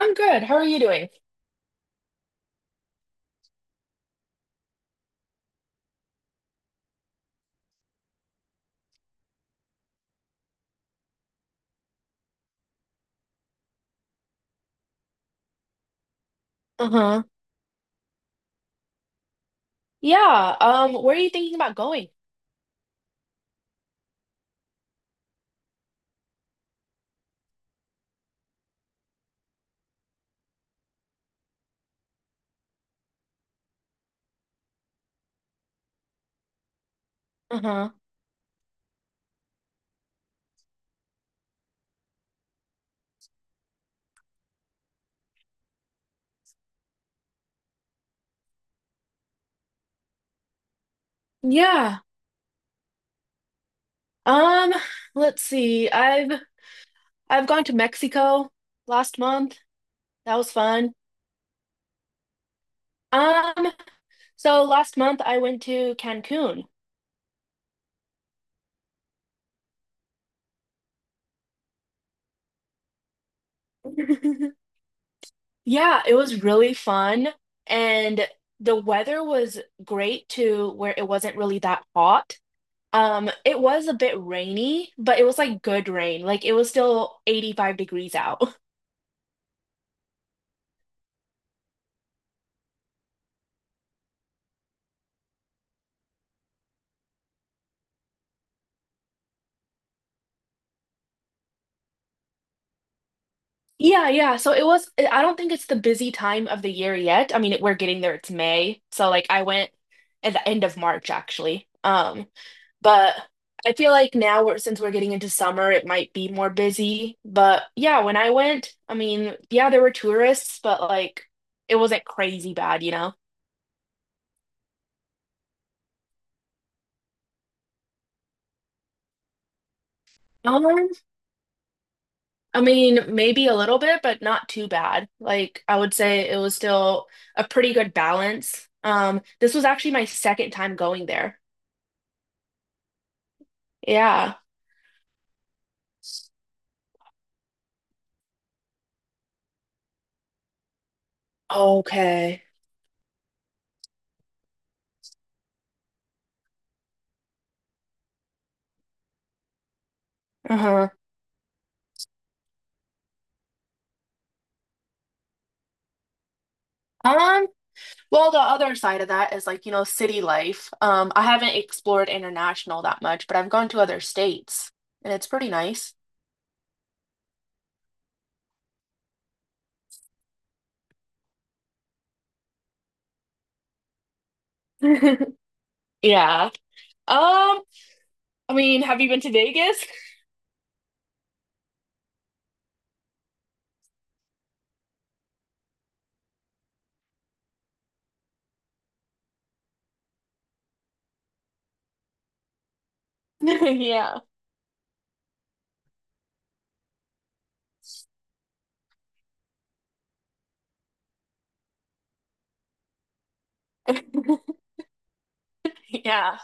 I'm good. How are you doing? Uh-huh. Yeah. Where are you thinking about going? Uh-huh. Yeah. Um, let's see. I've gone to Mexico last month. That was fun. Um, so last month I went to Cancun. Yeah, it was really fun and the weather was great too, where it wasn't really that hot. It was a bit rainy, but it was like good rain. Like it was still 85 degrees out. Yeah, yeah. So it was, I don't think it's the busy time of the year yet. I mean, we're getting there. It's May. So like I went at the end of March actually. But I feel like now we're, since we're getting into summer, it might be more busy. But yeah, when I went, I mean, yeah, there were tourists, but like it wasn't crazy bad? Um, I mean, maybe a little bit, but not too bad. Like I would say it was still a pretty good balance. This was actually my second time going there. Yeah. Okay. Uh-huh. Um, well, the other side of that is like, you know, city life. I haven't explored international that much, but I've gone to other states and it's pretty nice. Yeah. Um, I mean, have you been to Vegas? Yeah. Yeah.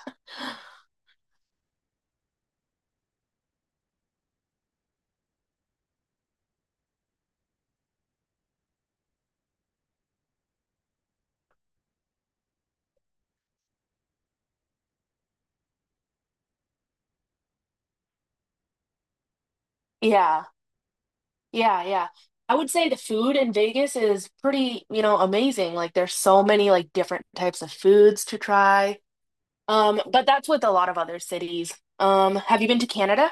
Yeah. Yeah, yeah. I would say the food in Vegas is pretty, you know, amazing. Like there's so many like different types of foods to try. But that's with a lot of other cities. Have you been to Canada?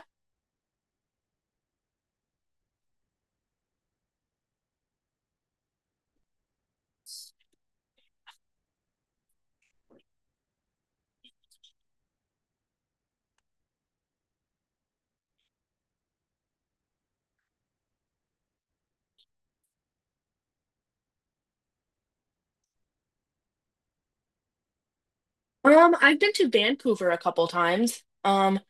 I've been to Vancouver a couple times.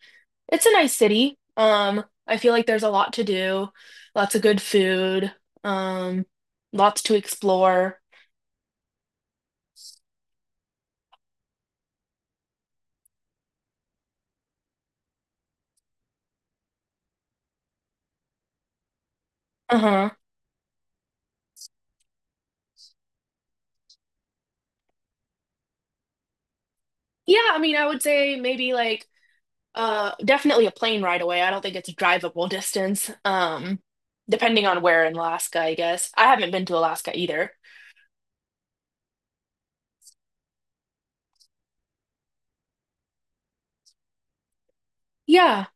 It's a nice city. I feel like there's a lot to do, lots of good food, um, lots to explore. Uh-huh. Yeah, I mean, I would say maybe like definitely a plane ride away. I don't think it's a drivable distance. Depending on where in Alaska, I guess. I haven't been to Alaska either. Yeah.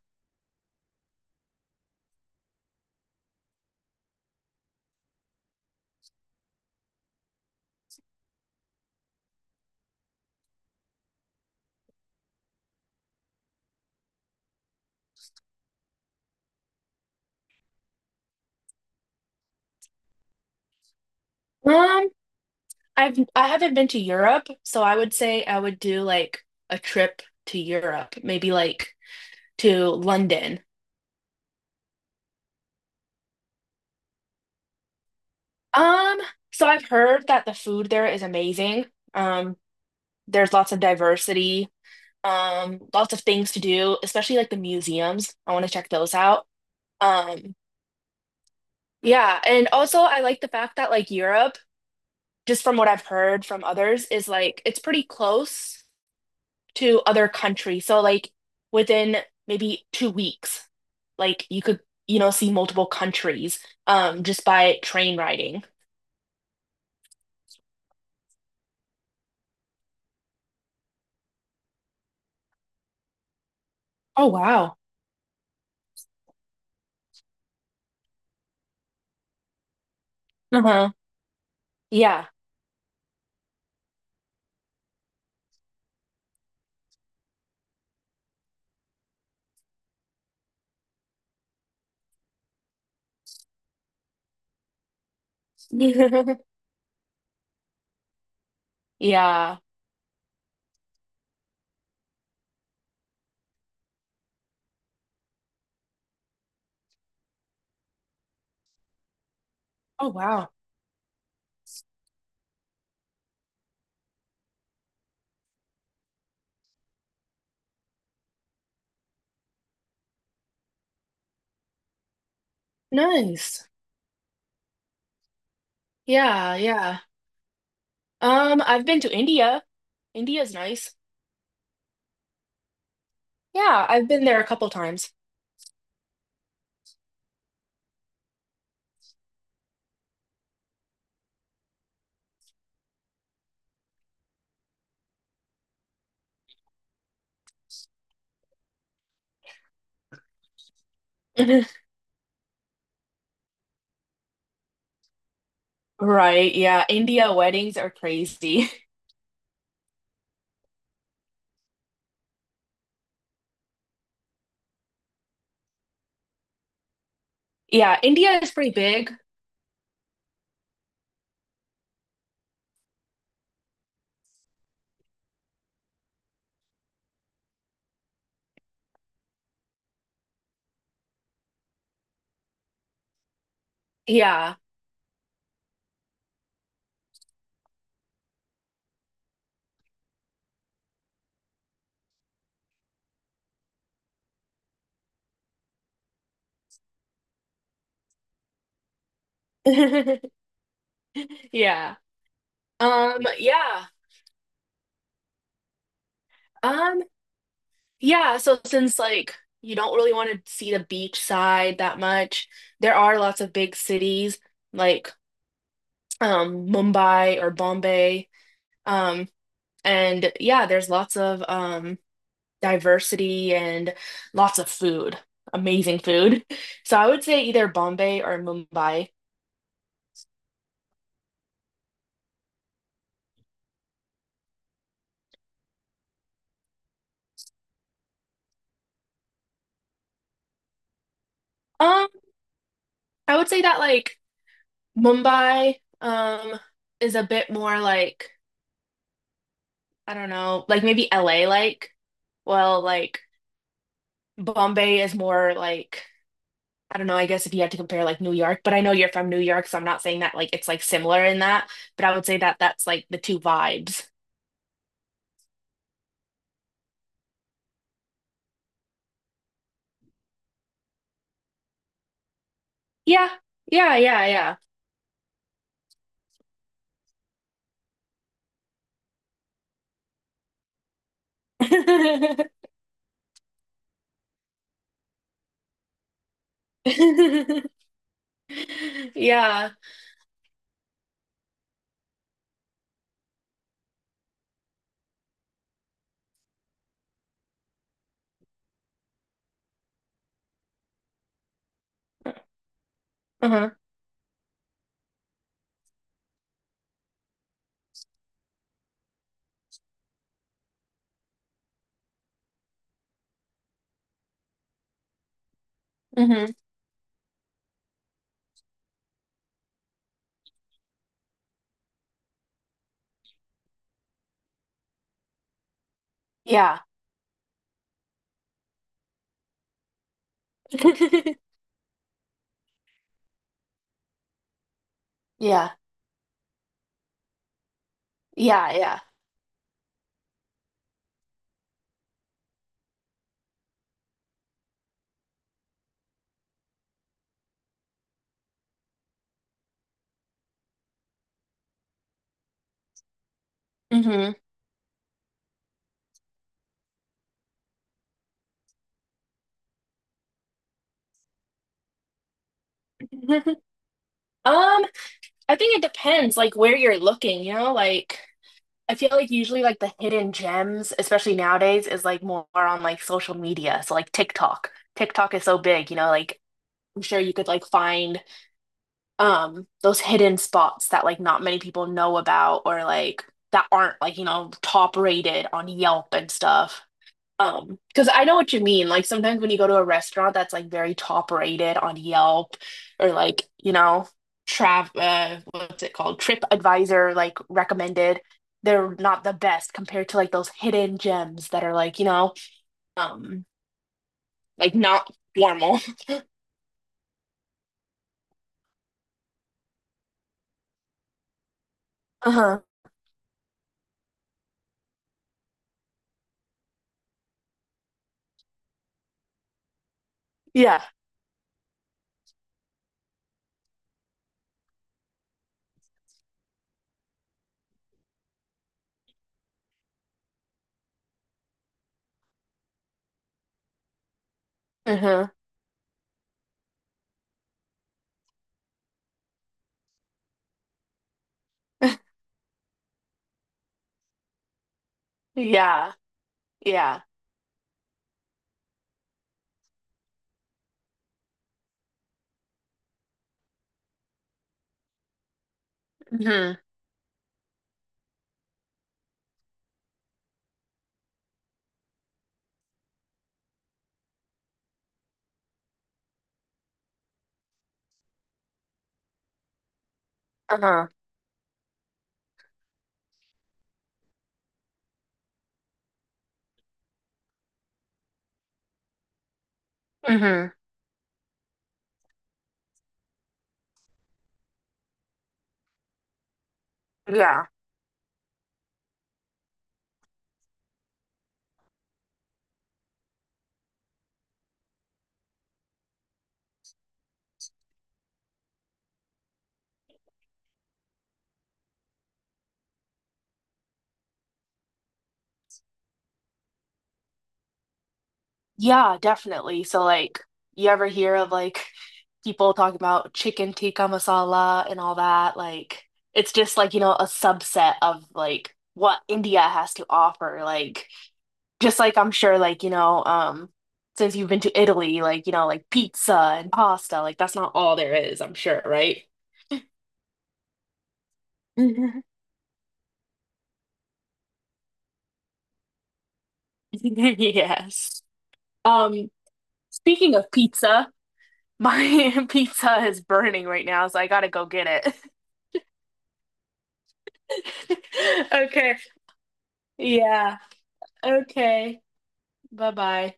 Um, I haven't been to Europe, so I would say I would do like a trip to Europe, maybe like to London. Um, so I've heard that the food there is amazing. Um, there's lots of diversity, lots of things to do, especially like the museums. I want to check those out. Um, yeah, and also I like the fact that like Europe, just from what I've heard from others, is like it's pretty close to other countries. So like within maybe 2 weeks, like you could, you know, see multiple countries just by train riding. Oh wow. Uh-huh. Yeah. Yeah. Oh wow. Nice. Yeah, yeah. I've been to India. India's nice. Yeah, I've been there a couple times. Right, yeah. India weddings are crazy. Yeah, India is pretty big. Yeah. Yeah. Um, yeah. Um, yeah, so since like you don't really want to see the beach side that much, there are lots of big cities like Mumbai or Bombay. Um, and yeah, there's lots of diversity and lots of food, amazing food. So I would say either Bombay or Mumbai. Um, I would say that like Mumbai is a bit more like I don't know, like maybe LA like well like Bombay is more like, I don't know, I guess if you had to compare like New York, but I know you're from New York, so I'm not saying that like it's like similar in that, but I would say that that's like the two vibes. Yeah. Yeah, yeah, yeah. Yeah. Uh-huh. Hmm. Yeah. Yeah. Yeah, yeah. Hmm. Um, I think it depends like where you're looking, you know, like I feel like usually like the hidden gems, especially nowadays, is like more on like social media. So like TikTok. TikTok is so big, you know, like I'm sure you could like find those hidden spots that like not many people know about or like that aren't like, you know, top rated on Yelp and stuff. Because I know what you mean. Like sometimes when you go to a restaurant that's like very top rated on Yelp or like, you know, what's it called? Trip Advisor, like recommended, they're not the best compared to like those hidden gems that are like, you know, um, like not formal. Uh-huh. Yeah. Uh-huh. Yeah. Yeah. Mm-hmm. Uh-huh. Mm-hmm. Yeah. Yeah, definitely. So like you ever hear of like people talking about chicken tikka masala and all that? Like it's just like, you know, a subset of like what India has to offer. Like just like I'm sure like, you know, since you've been to Italy, like, you know, like pizza and pasta, like that's not all there is, I'm sure, right? Mhm. Yes. Um, Speaking of pizza, my pizza is burning right now, so I gotta go get it. Okay. Yeah. Okay. Bye bye.